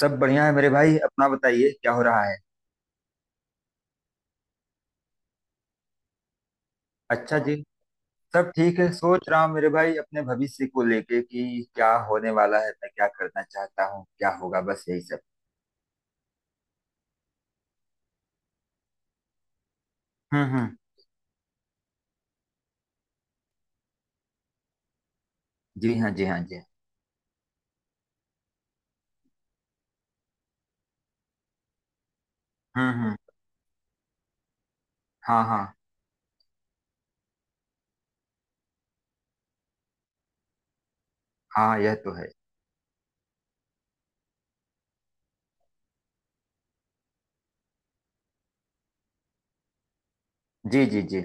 सब बढ़िया है मेरे भाई, अपना बताइए क्या हो रहा है। अच्छा जी। सब ठीक है, सोच रहा हूँ मेरे भाई अपने भविष्य को लेके कि क्या होने वाला है, मैं क्या करना चाहता हूँ, क्या होगा, बस यही सब। हम्म। जी हाँ जी हाँ जी हाँ। हम्म। हाँ हाँ। हाँ हाँ, यह तो है। जी जी जी।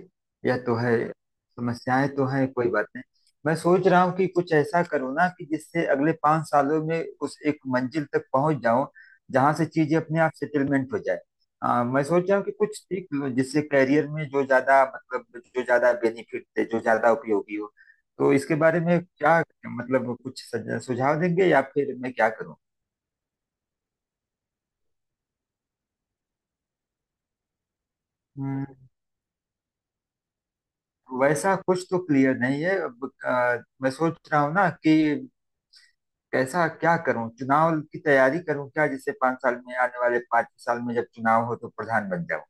यह तो है। समस्याएं तो हैं, कोई बात नहीं। मैं सोच रहा हूँ कि कुछ ऐसा करूँ ना कि जिससे अगले 5 सालों में उस एक मंजिल तक पहुंच जाऊं जहां से चीजें अपने आप सेटलमेंट हो जाए। मैं सोच रहा हूँ कि कुछ सीख लूं जिससे करियर में जो ज्यादा मतलब जो ज्यादा बेनिफिट दे, जो ज्यादा उपयोगी हो। तो इसके बारे में क्या, मतलब कुछ सुझाव देंगे या फिर मैं क्या करूँ। हम्म। वैसा कुछ तो क्लियर नहीं है अब, मैं सोच रहा हूँ ना कि कैसा क्या करूं, चुनाव की तैयारी करूं क्या जिससे पांच साल में आने वाले 5 साल में जब चुनाव हो तो प्रधान बन जाऊं।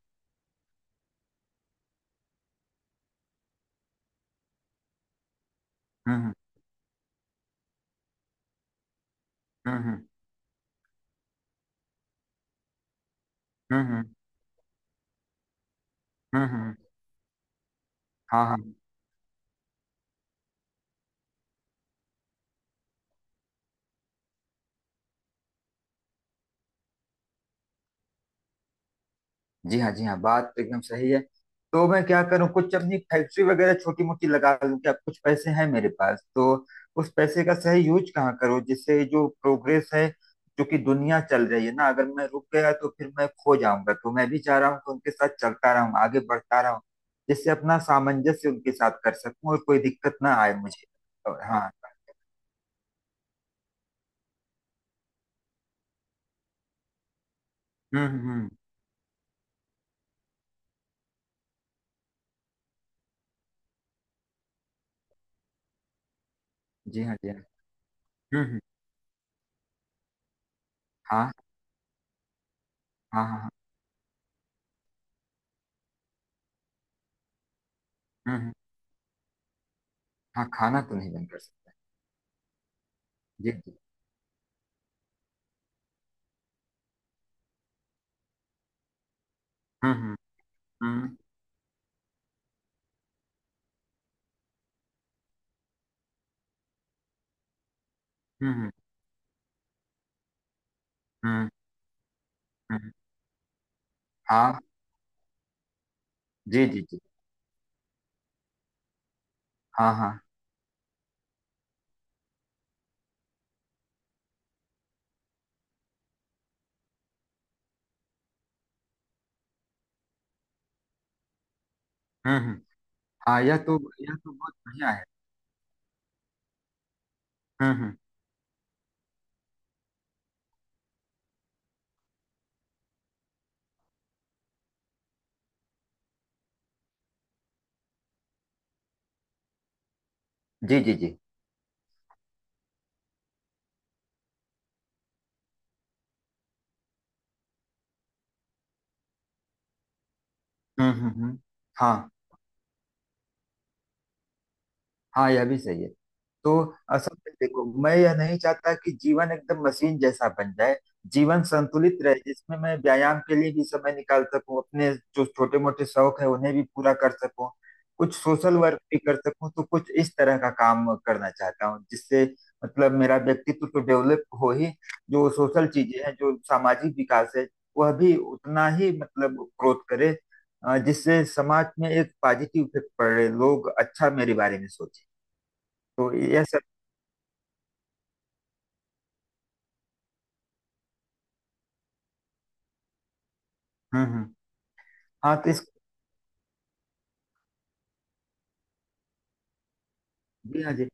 हम्म हम्म हम्म हम्म हम्म हम्म। हाँ हाँ, जी हाँ, जी हाँ, बात तो एकदम सही है। तो मैं क्या करूँ, कुछ अपनी फैक्ट्री वगैरह छोटी मोटी लगा लूँ क्या? कुछ पैसे हैं मेरे पास तो उस पैसे का सही यूज कहाँ करूँ जिससे जो प्रोग्रेस है जो कि दुनिया चल रही है ना, अगर मैं रुक गया तो फिर मैं खो जाऊंगा, तो मैं भी चाह रहा हूँ कि उनके साथ चलता रहूँ, आगे बढ़ता रहूँ, जिससे अपना सामंजस्य उनके साथ कर सकूँ और कोई दिक्कत ना आए मुझे। और हाँ। हम्म। जी हाँ, जी हाँ। हम्म। हाँ हाँ हाँ हाँ। हम्म। हाँ, खाना तो नहीं बंद कर सकता। जी जी। हम्म। हम्म। हम्म हम्म हम्म। हम्म। हाँ, जी जी जी। हाँ हाँ। हम्म। हाँ, यह तो बहुत बढ़िया है। हम्म। जी जी जी। हम्म। हाँ हाँ, यह भी सही है। तो असल में देखो, मैं यह नहीं चाहता कि जीवन एकदम मशीन जैसा बन जाए। जीवन संतुलित रहे जिसमें मैं व्यायाम के लिए भी समय निकाल सकूं, अपने जो छोटे मोटे शौक है उन्हें भी पूरा कर सकूं, कुछ सोशल वर्क भी कर सकूं, तो कुछ इस तरह का काम करना चाहता हूं जिससे मतलब मेरा व्यक्तित्व तो डेवलप हो ही, जो सोशल चीजें हैं जो सामाजिक विकास है वह भी उतना ही मतलब ग्रोथ करे, जिससे समाज में एक पॉजिटिव इफेक्ट पड़े, लोग अच्छा मेरे बारे में सोचे। तो यह। हम्म। हाँ तो इस। जी हाँ जी।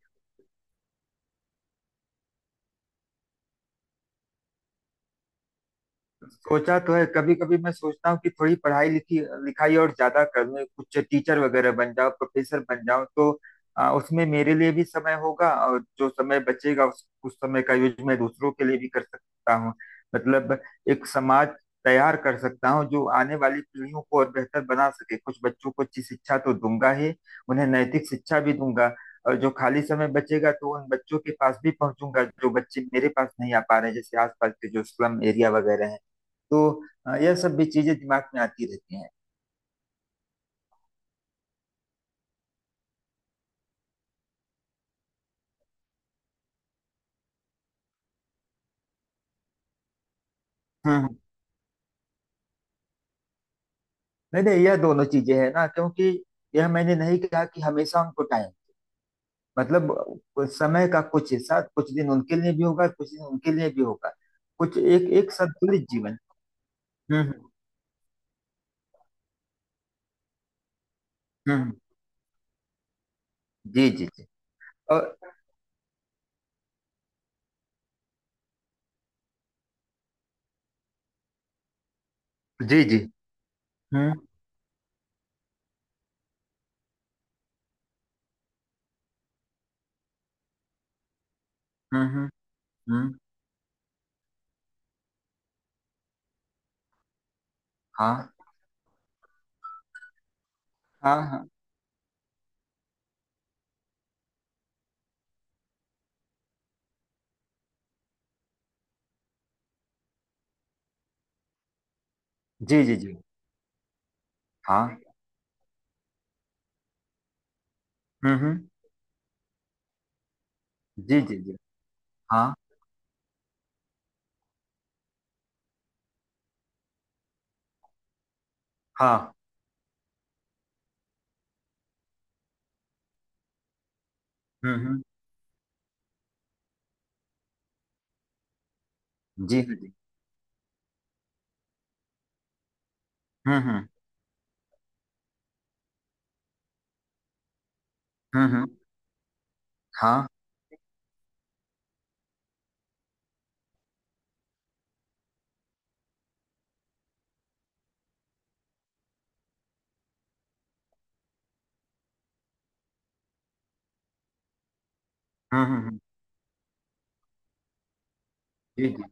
सोचा तो है, कभी कभी मैं सोचता हूँ कि थोड़ी पढ़ाई लिखी लिखाई और ज्यादा कर लूँ, कुछ टीचर वगैरह बन जाओ, प्रोफेसर बन जाओ, तो उसमें मेरे लिए भी समय होगा और जो समय बचेगा उस समय का यूज मैं दूसरों के लिए भी कर सकता हूँ। मतलब एक समाज तैयार कर सकता हूँ जो आने वाली पीढ़ियों को और बेहतर बना सके, कुछ बच्चों को अच्छी शिक्षा तो दूंगा ही, उन्हें नैतिक शिक्षा भी दूंगा, और जो खाली समय बचेगा तो उन बच्चों के पास भी पहुंचूंगा जो बच्चे मेरे पास नहीं आ पा रहे हैं, जैसे आसपास के जो स्लम एरिया वगैरह हैं। तो यह सब भी चीजें दिमाग में आती रहती हैं। हम्म। नहीं नहीं, यह दोनों चीजें हैं ना क्योंकि यह मैंने नहीं कहा कि हमेशा उनको टाइम, मतलब कुछ समय का कुछ हिस्सा, कुछ दिन उनके लिए भी होगा, कुछ दिन उनके लिए भी होगा, कुछ एक एक संतुलित जीवन। हम्म हम्म हम्म। जी जी जी। और। जी जी। हम्म हम्म हम्म हम्म। हाँ हाँ। हाँ। जी जी जी। हाँ। हम्म। जी जी जी। हाँ हाँ। हम्म। जी हाँ जी। हम्म हम्म हम्म हम्म। हाँ। हम्म हम्म हम्म। जी जी।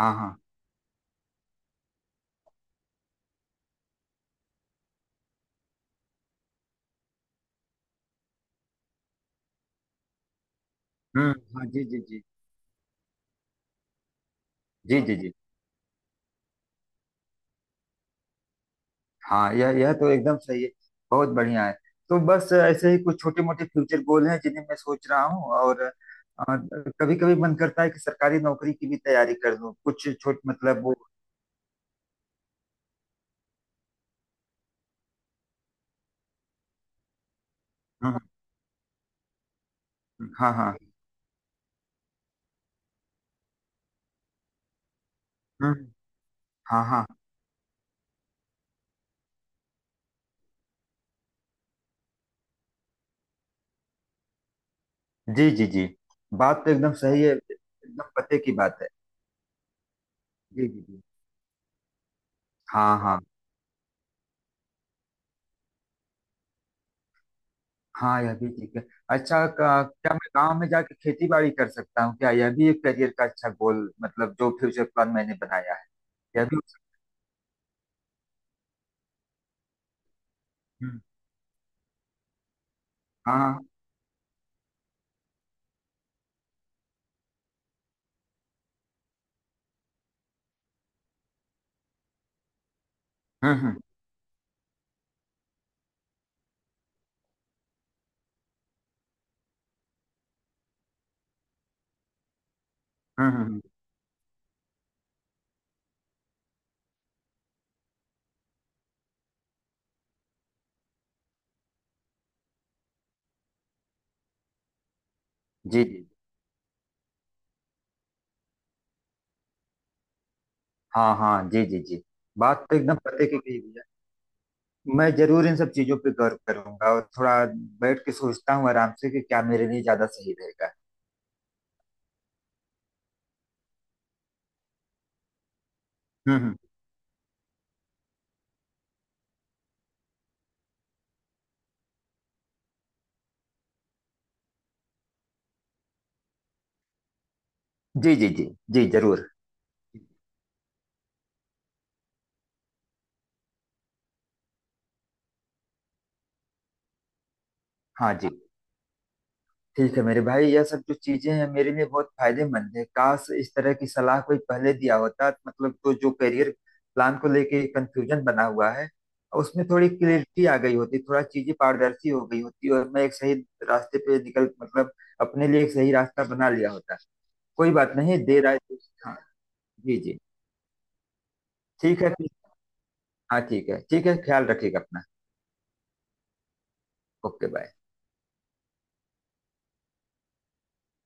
हाँ हाँ। हम्म। हाँ, जी जी जी। जी जी जी, हाँ, यह तो एकदम सही है, बहुत बढ़िया है। तो बस ऐसे ही कुछ छोटे मोटे फ्यूचर गोल हैं जिन्हें मैं सोच रहा हूँ, और कभी कभी मन करता है कि सरकारी नौकरी की भी तैयारी कर लूँ, कुछ छोट मतलब वो। हम्म हम्म। हाँ हाँ। हम्म। हाँ हाँ। जी जी जी। बात तो एकदम सही है, एकदम पते की बात है। जी जी जी। हाँ हाँ। हाँ, यह भी ठीक है। अच्छा, क्या मैं गांव में जाके खेती बाड़ी कर सकता हूँ, क्या यह भी एक करियर का अच्छा गोल, मतलब जो फ्यूचर प्लान मैंने बनाया है। यह भी। हम्म। हाँ हाँ। हम्म। हम्म। जी जी। हाँ हाँ, जी जी जी। बात तो एकदम पते की कही भैया। मैं जरूर इन सब चीजों पे गौर करूंगा और थोड़ा बैठ के सोचता हूँ आराम से कि क्या मेरे लिए ज्यादा सही रहेगा। हम्म। जी जी जी। जी जरूर। हाँ जी। ठीक है मेरे भाई, यह सब जो चीजें हैं मेरे लिए बहुत फायदेमंद है, काश इस तरह की सलाह कोई पहले दिया होता, मतलब तो जो करियर प्लान को लेके कंफ्यूजन बना हुआ है उसमें थोड़ी क्लियरिटी आ गई होती, थोड़ा चीजें पारदर्शी हो गई होती, और मैं एक सही रास्ते पे निकल, मतलब अपने लिए एक सही रास्ता बना लिया होता। कोई बात नहीं, देर आए तो-। हाँ। जी जी। ठीक है, ठीक-। हाँ ठीक है, ठीक है, ख्याल रखिएगा अपना। Okay bye.